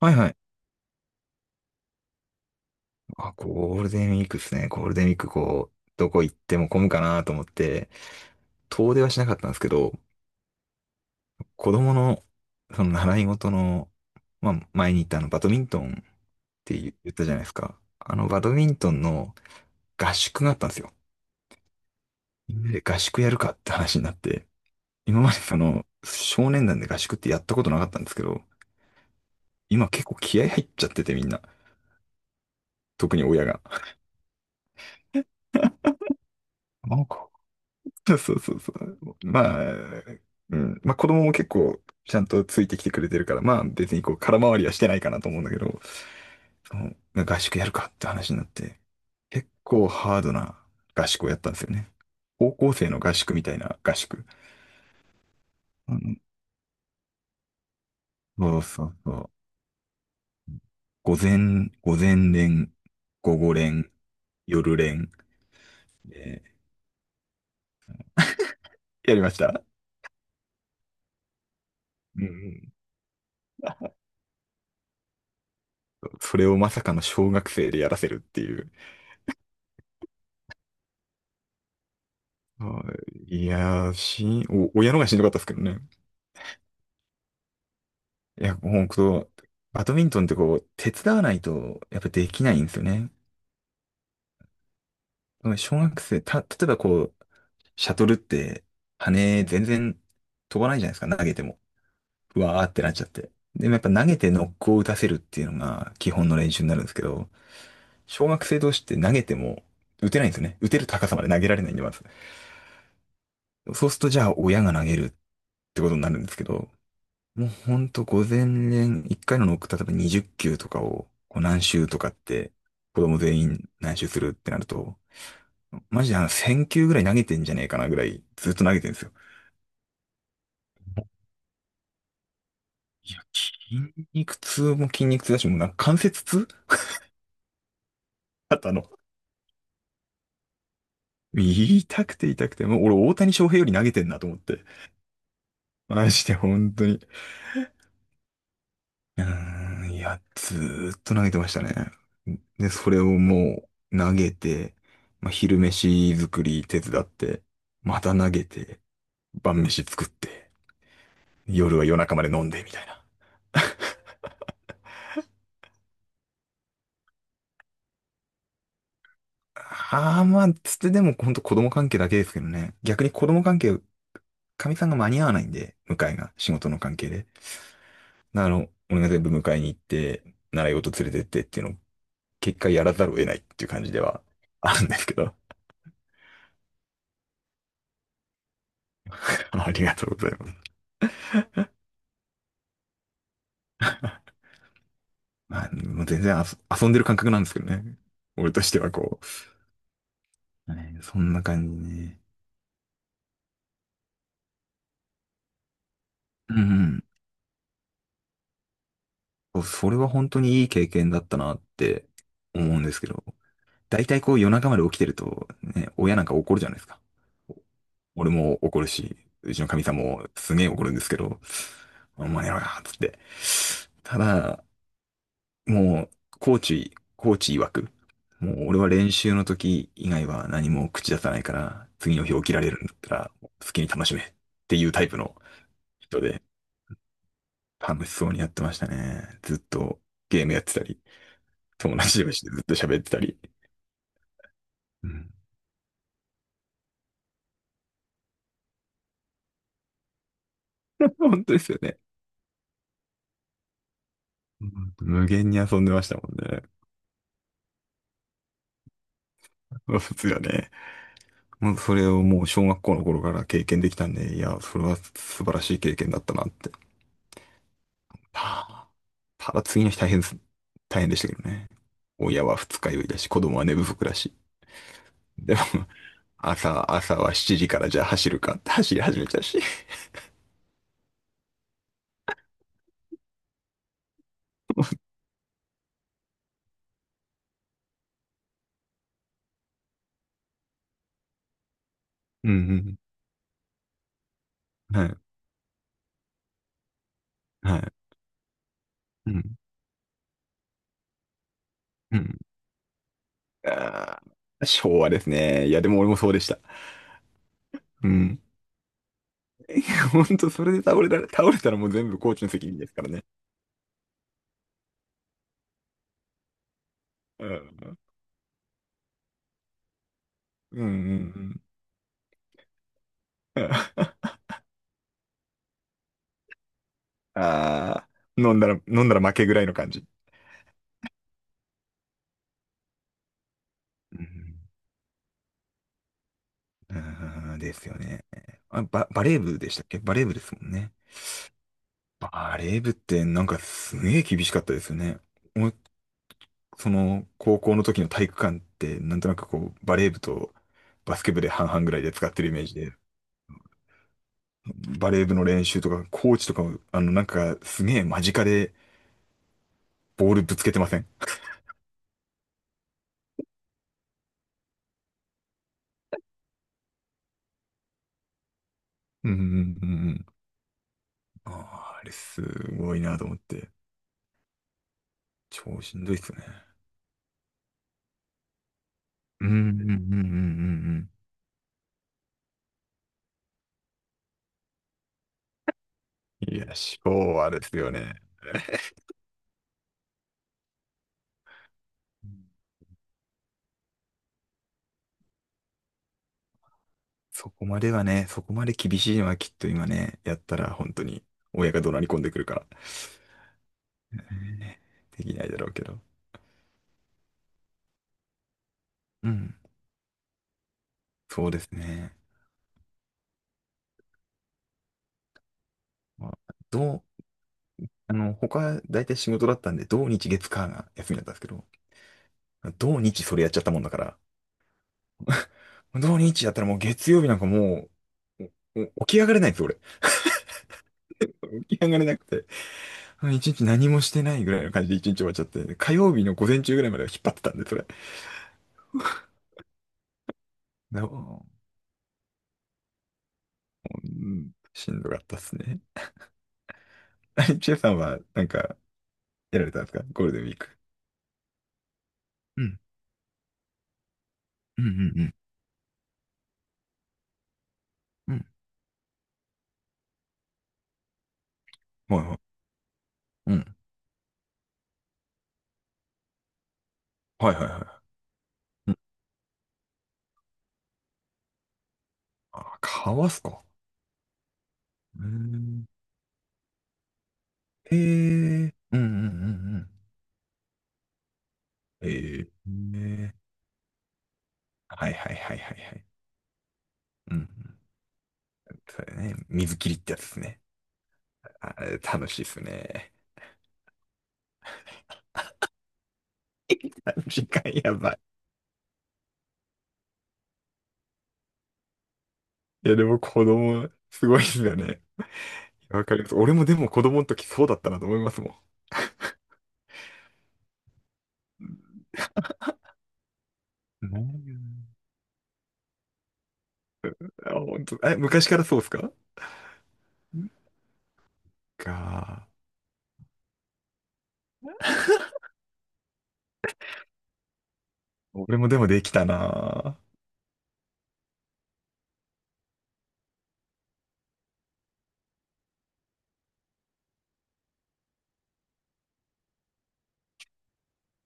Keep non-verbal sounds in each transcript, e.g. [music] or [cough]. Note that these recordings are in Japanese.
はいはい。あ、ゴールデンウィークですね。ゴールデンウィークどこ行っても混むかなと思って、遠出はしなかったんですけど、子供の、その習い事の、前に行ったバドミントンって言ったじゃないですか。あの、バドミントンの合宿があったんですよ。みんなで合宿やるかって話になって、今まで少年団で合宿ってやったことなかったんですけど、今結構気合入っちゃっててみんな。特に親が。なんか、[laughs] そうそうそうそう。まあ、うん。まあ子供も結構ちゃんとついてきてくれてるから、まあ別にこう空回りはしてないかなと思うんだけど、その合宿やるかって話になって、結構ハードな合宿をやったんですよね。高校生の合宿みたいな合宿。あのそうそうそう。午前、午前練、午後練、夜練でやりました。うんうん。それをまさかの小学生でやらせるっていう。はい。いやー、しん、お、親のがしんどかったですけどね。いや、ほんバドミントンってこう、手伝わないと、やっぱできないんですよね。小学生、例えばこう、シャトルって、羽全然飛ばないじゃないですか、投げても。うわーってなっちゃって。でもやっぱ投げてノックを打たせるっていうのが基本の練習になるんですけど、小学生同士って投げても打てないんですよね。打てる高さまで投げられないんで、まず。そうするとじゃあ親が投げるってことになるんですけど、もうほんと午前練、一回のノック、例えば20球とかを、こう何周とかって、子供全員何周するってなると、マジで1000球ぐらい投げてんじゃねえかなぐらい、ずっと投げてるんですよ。いや、筋肉痛も筋肉痛だし、もう関節痛 [laughs] 肩の。痛くて痛くて、もう俺大谷翔平より投げてんなと思って。マジで本当に。うーん、いや、ずーっと投げてましたね。で、それをもう投げて、まあ、昼飯作り手伝って、また投げて、晩飯作って、夜は夜中まで飲んで、みたいな。ああ、まあ、つってでもほんと子供関係だけですけどね。逆に子供関係、かみさんが間に合わないんで、迎えが、仕事の関係で。あの、俺が全部迎えに行って、習い事連れてってっていうのを、結果やらざるを得ないっていう感じではあるんですけど。[laughs] ありがとうございます。まあ、もう全然遊んでる感覚なんですけどね。俺としてはこう。ねそんな感じね。うんうん。それは本当にいい経験だったなって思うんですけど。大体こう夜中まで起きてると、ね、親なんか怒るじゃないですか。俺も怒るし、うちの神様もすげえ怒るんですけど、お前やろや、つって。ただ、もう、コーチ曰く、もう俺は練習の時以外は何も口出さないから、次の日起きられるんだったら、好きに楽しめっていうタイプの人で、楽しそうにやってましたね。ずっとゲームやってたり、友達同士でずっと喋ってたり。うん [laughs]。本当ですよね。うん無限に遊んでましたもんね。普通はね。もうそれをもう小学校の頃から経験できたんで、いや、それは素晴らしい経験だったなってたただ次の日大変です。大変でしたけどね。親は二日酔いだし、子供は寝不足だし。でも、[laughs] 朝は7時からじゃあ走るかって走り始めたし。うんうん。はい。はい。うん。うん。あー昭和ですね。いや、でも俺もそうでした。うん。[laughs] ほんと、それで倒れたらもう全部コーチの責任ですからね。うん。うんうんうん。[laughs] ああー、飲んだら負けぐらいの感じ。うんうーん、ですよね。あ、バレー部でしたっけバレー部ですもんね。バレー部ってなんかすげえ厳しかったですよね。もうその高校の時の体育館ってなんとなくこうバレー部とバスケ部で半々ぐらいで使ってるイメージで、バレー部の練習とかコーチとかもなんかすげえ間近でボールぶつけてませんうんうんうんうん。ああ、あれすごいなと思って。超しんどいっすね。うんうんうんうんうんうん。いや、昭和ですよね。[laughs] うんそこまではね、そこまで厳しいのはきっと今ね、やったら本当に親が怒鳴り込んでくるから、ねできないだろうけど。うん、そうですね。まあ、どう、あの、他、大体仕事だったんで、土日月火が休みだったんですけど、土日それやっちゃったもんだから、土日やったらもう月曜日なんかもう、おお起き上がれないんですよ、俺。起き上がれなくて、うん一日何もしてないぐらいの感じで一日終わっちゃって、火曜日の午前中ぐらいまでは引っ張ってたんで、それ。うん、しんどかったっすね。[laughs] チェさんは、やられたんですかゴールデンウィーク。うん、うん、うんうん、うん。はいはい。うん、はいはいはい。うん、あ、かわすか。うーん、えー、うん、うん、うん、うん。えー、ねはいはいはいはいはい。うんそれね、水切りってやつですね。あれ、楽しいっすね。[laughs] 時間やばい。いや、でも子供、すごいっすよね。わかります。俺もでも子供の時そうだったなと思いますもん。ねえあ、本当、え、昔からそうっすかか俺もでもできたな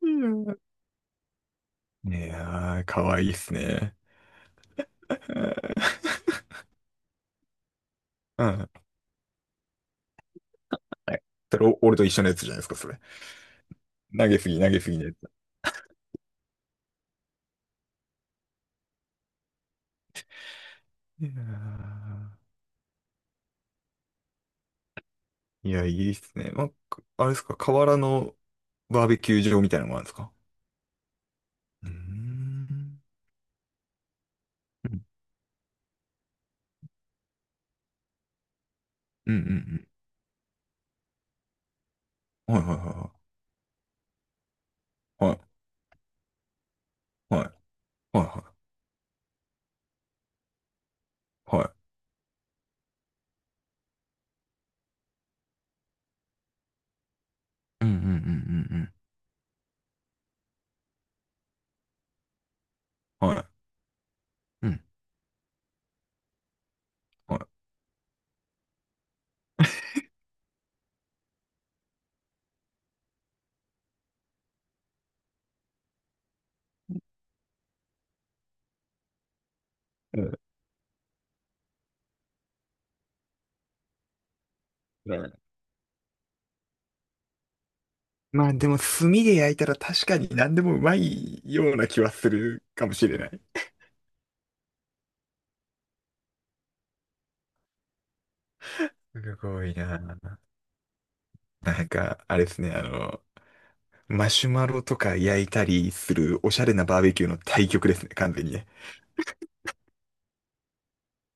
うんぁ。いやー、かわいいっすね。[laughs] うん。はい。それ、俺と一緒のやつじゃないですか、それ。投げすぎのやつ。いやーいや、いいっすね。まあ、あれですか、河原のバーベキュー場みたいなのもあるんですかうーん。うんうんうんうん。はいはいはいはい。はいはいはい。はい。うんうんうんうんうん。はい。うん。はい。うんまあでも炭で焼いたら確かに何でもうまいような気はするかもしれない。すごいな。なんか、あれですね、あの、マシュマロとか焼いたりするおしゃれなバーベキューの対極ですね、完全にね。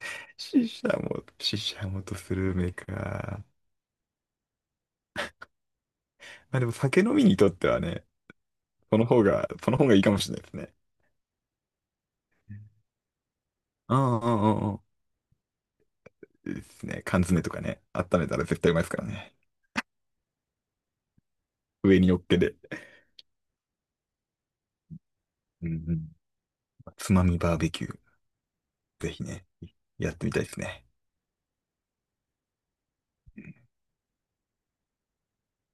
[laughs] ししゃもとスルメか。まあでも酒飲みにとってはね、その方がいいかもしれないですね。うんうんうんうん。ですね、缶詰とかね、温めたら絶対うまいですからね。上に乗っけて。うんうん。つまみバーベキュー、ぜひね、やってみたいですね。